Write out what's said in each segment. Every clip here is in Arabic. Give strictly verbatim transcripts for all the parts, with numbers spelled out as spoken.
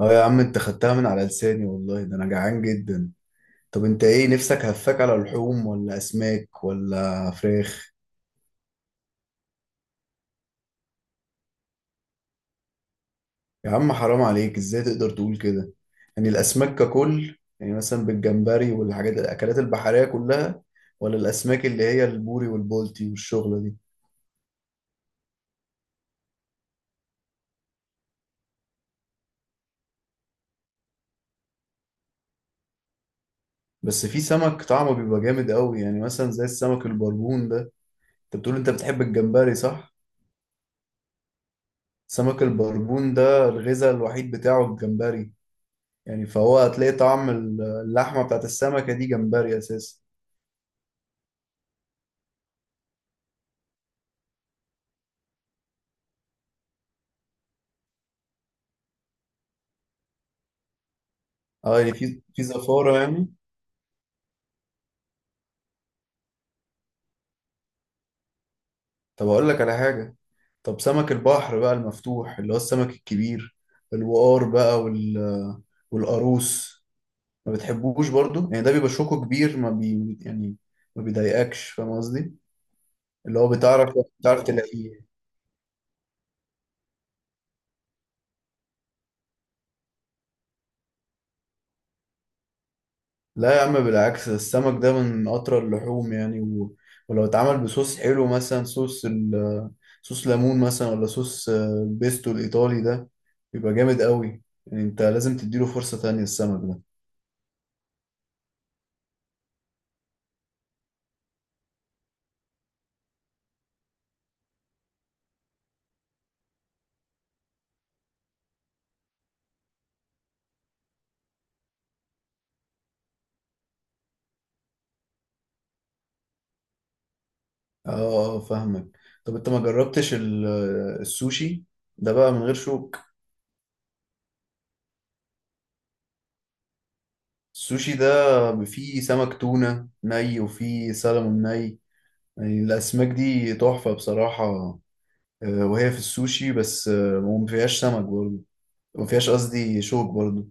اه يا عم، انت خدتها من على لساني. والله ده انا جعان جدا. طب انت ايه نفسك؟ هفاك على لحوم ولا اسماك ولا فراخ؟ يا عم حرام عليك، ازاي تقدر تقول كده؟ يعني الاسماك ككل يعني مثلا بالجمبري والحاجات الاكلات البحرية كلها، ولا الاسماك اللي هي البوري والبولتي والشغلة دي؟ بس في سمك طعمه بيبقى جامد قوي، يعني مثلا زي السمك البربون ده. انت بتقول انت بتحب الجمبري، صح؟ سمك البربون ده الغذاء الوحيد بتاعه الجمبري، يعني فهو هتلاقي طعم اللحمة بتاعت السمكة دي جمبري أساسا. اه، يعني في في زفارة يعني. طب أقول لك على حاجة، طب سمك البحر بقى المفتوح اللي هو السمك الكبير، الوقار بقى وال والقاروص، ما بتحبوش برضو؟ يعني ده بيبقى شوكه كبير، ما بي يعني ما بيضايقكش، فاهم قصدي؟ اللي هو بتعرف، بتعرف تلاقيه. لا يا عم، بالعكس، السمك ده من أطرى اللحوم يعني، و... ولو اتعمل بصوص حلو، مثلا صوص ال... صوص ليمون مثلا، ولا صوص آه، البيستو الإيطالي ده، بيبقى جامد قوي. يعني أنت لازم تديله فرصة تانية السمك ده. اه اه آه، فاهمك. طب أنت ما جربتش ال... آه، السوشي؟ ده بقى من غير شوك. السوشي ده فيه سمك تونة ني، وفيه سلمون ني، يعني الأسماك دي تحفة بصراحة. آه، وهي في السوشي بس، آه، وما فيهاش سمك برضه، ما فيهاش قصدي شوك برضو.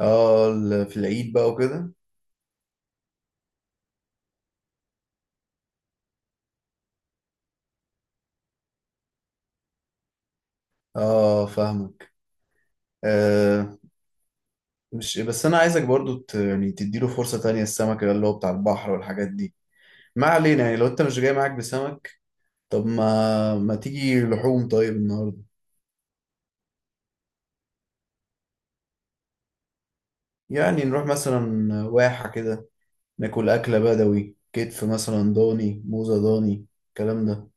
اه، ال- في العيد بقى وكده. اه فاهمك. آه. مش بس انا عايزك برضو ت... يعني تديله فرصة تانية السمك اللي هو بتاع البحر والحاجات دي. ما علينا، يعني لو انت مش جاي معاك بسمك، طب ما ما تيجي لحوم طيب النهارده؟ يعني نروح مثلا واحة كده، ناكل أكلة بدوي، كتف مثلا، ضاني موزة، ضاني، الكلام ده.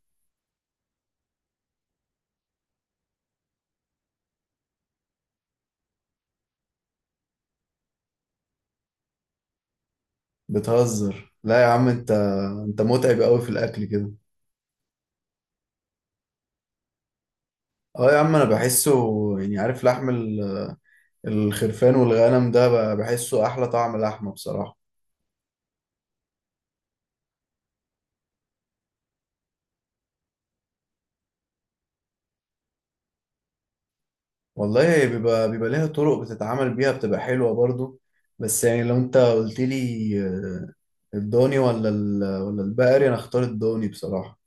بتهزر؟ لا يا عم انت، انت متعب قوي في الأكل كده. اه يا عم، انا بحسه، يعني عارف لحم الخرفان والغنم ده ب- بحسه احلى طعم لحمه بصراحه. والله هي بيبقى بيبقى ليها طرق بتتعمل بيها بتبقى حلوه برضو، بس يعني لو انت قلت لي آه، الضاني ولا ال- ولا البقري، انا اختار الضاني بصراحه.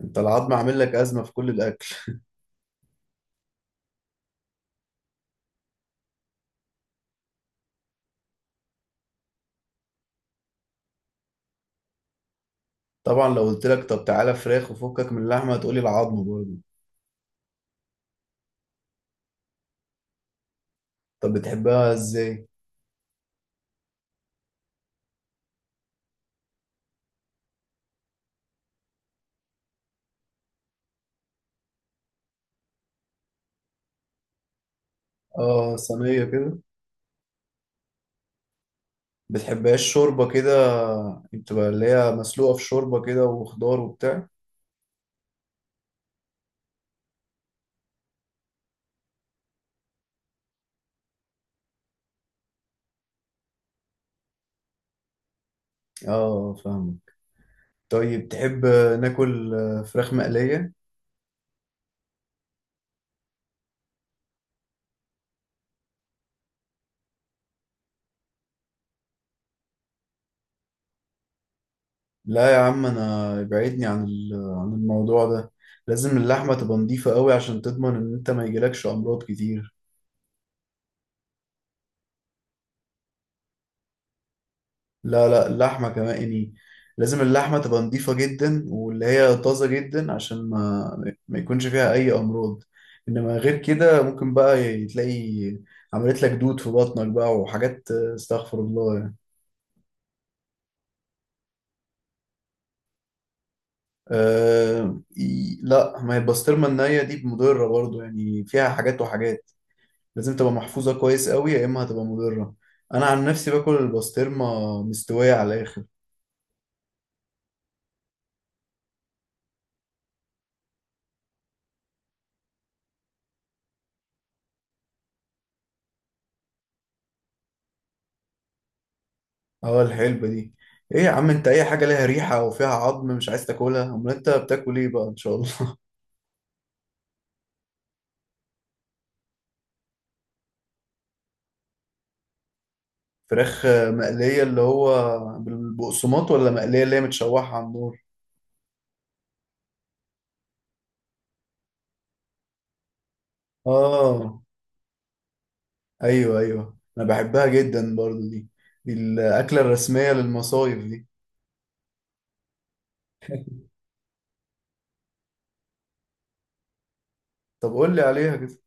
انت العظم عامل لك ازمه في كل الاكل. طبعا لو قلت لك طب تعالى فراخ وفكك من اللحمه، هتقولي العظم برضو. طب بتحبها ازاي؟ اه صينيه كده. بتحبهاش شوربه كده؟ بتبقى اللي هي مسلوقه في شوربه كده وخضار وبتاع. اه فاهمك. طيب تحب ناكل فراخ مقلية؟ لا يا عم، أنا ابعدني عن ال- عن الموضوع ده، لازم اللحمة تبقى نضيفة قوي عشان تضمن إن أنت ما يجيلكش أمراض كتير. لا لا، اللحمة كمان يعني لازم اللحمة تبقى نضيفة جدا، واللي هي طازة جدا، عشان ما ما يكونش فيها أي أمراض. إنما غير كده ممكن بقى تلاقي عملت لك دود في بطنك بقى وحاجات، استغفر الله. آه ي- لا، ما هي البسطرمة النية دي مضرة برضو، يعني فيها حاجات وحاجات، لازم تبقى محفوظة كويس قوي، يا إما هتبقى مضرة. أنا عن نفسي باكل البسطرمة مستوية على الآخر. اه الحلبة دي؟ إيه يا عم أنت، أي حاجة ليها ريحة وفيها عظم مش عايز تاكلها، أمال أنت بتاكل إيه بقى إن شاء الله؟ فراخ آه، مقلية، اللي هو بالبقسماط ولا مقلية اللي هي متشوحة على النار؟ آه. أيوه أيوه أنا بحبها جدا برضو دي، دي الأكلة الرسمية للمصايف دي. طب قول لي عليها كده.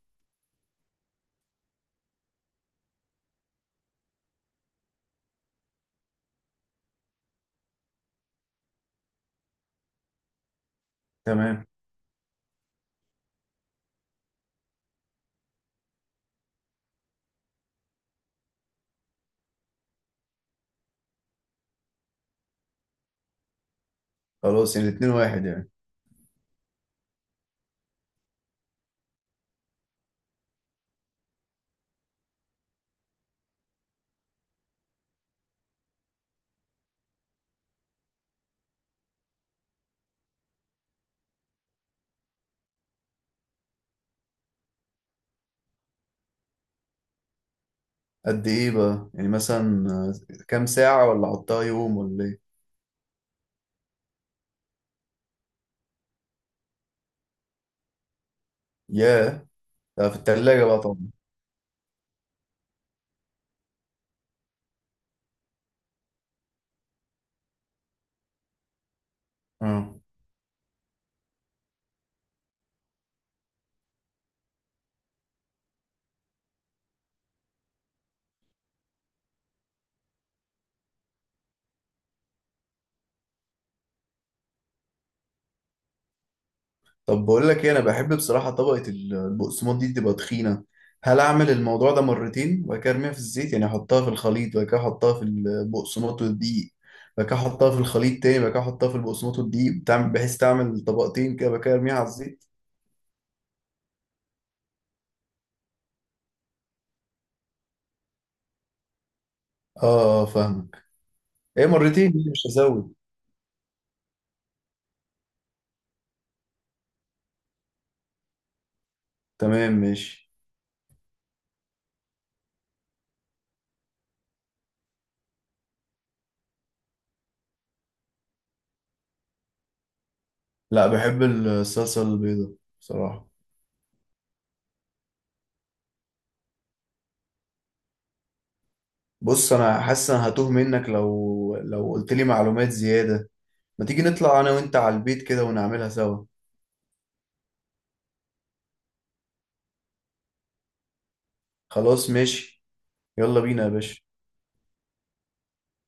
تمام. خلاص، يعني اتنين واحد يعني. قد ايه بقى، يعني مثلا آه، كام ساعة؟ ولا حطها يوم؟ ولا ايه؟ ياه، ده في التلاجة بقى طبعا. اه. طب بقول لك ايه، انا بحب بصراحة طبقة ال- البقسماط دي تبقى تخينة. هل اعمل الموضوع ده مرتين وبعد كده ارميها في الزيت؟ يعني احطها في الخليط وبعد كده احطها في البقسماط والدقيق، وبعد كده احطها في الخليط تاني، وبعد كده احطها في البقسماط والدقيق، بتعمل بحيث تعمل طبقتين كده، وبعد كده ارميها على الزيت. اه فاهمك. ايه مرتين، مش هزود. تمام ماشي. لا، بحب الصلصة البيضاء بصراحة. بص انا حاسس انا هتوه منك لو لو قلت لي معلومات زيادة. ما تيجي نطلع انا وانت على البيت كده ونعملها سوا؟ خلاص ماشي. يلا بينا يا باشا.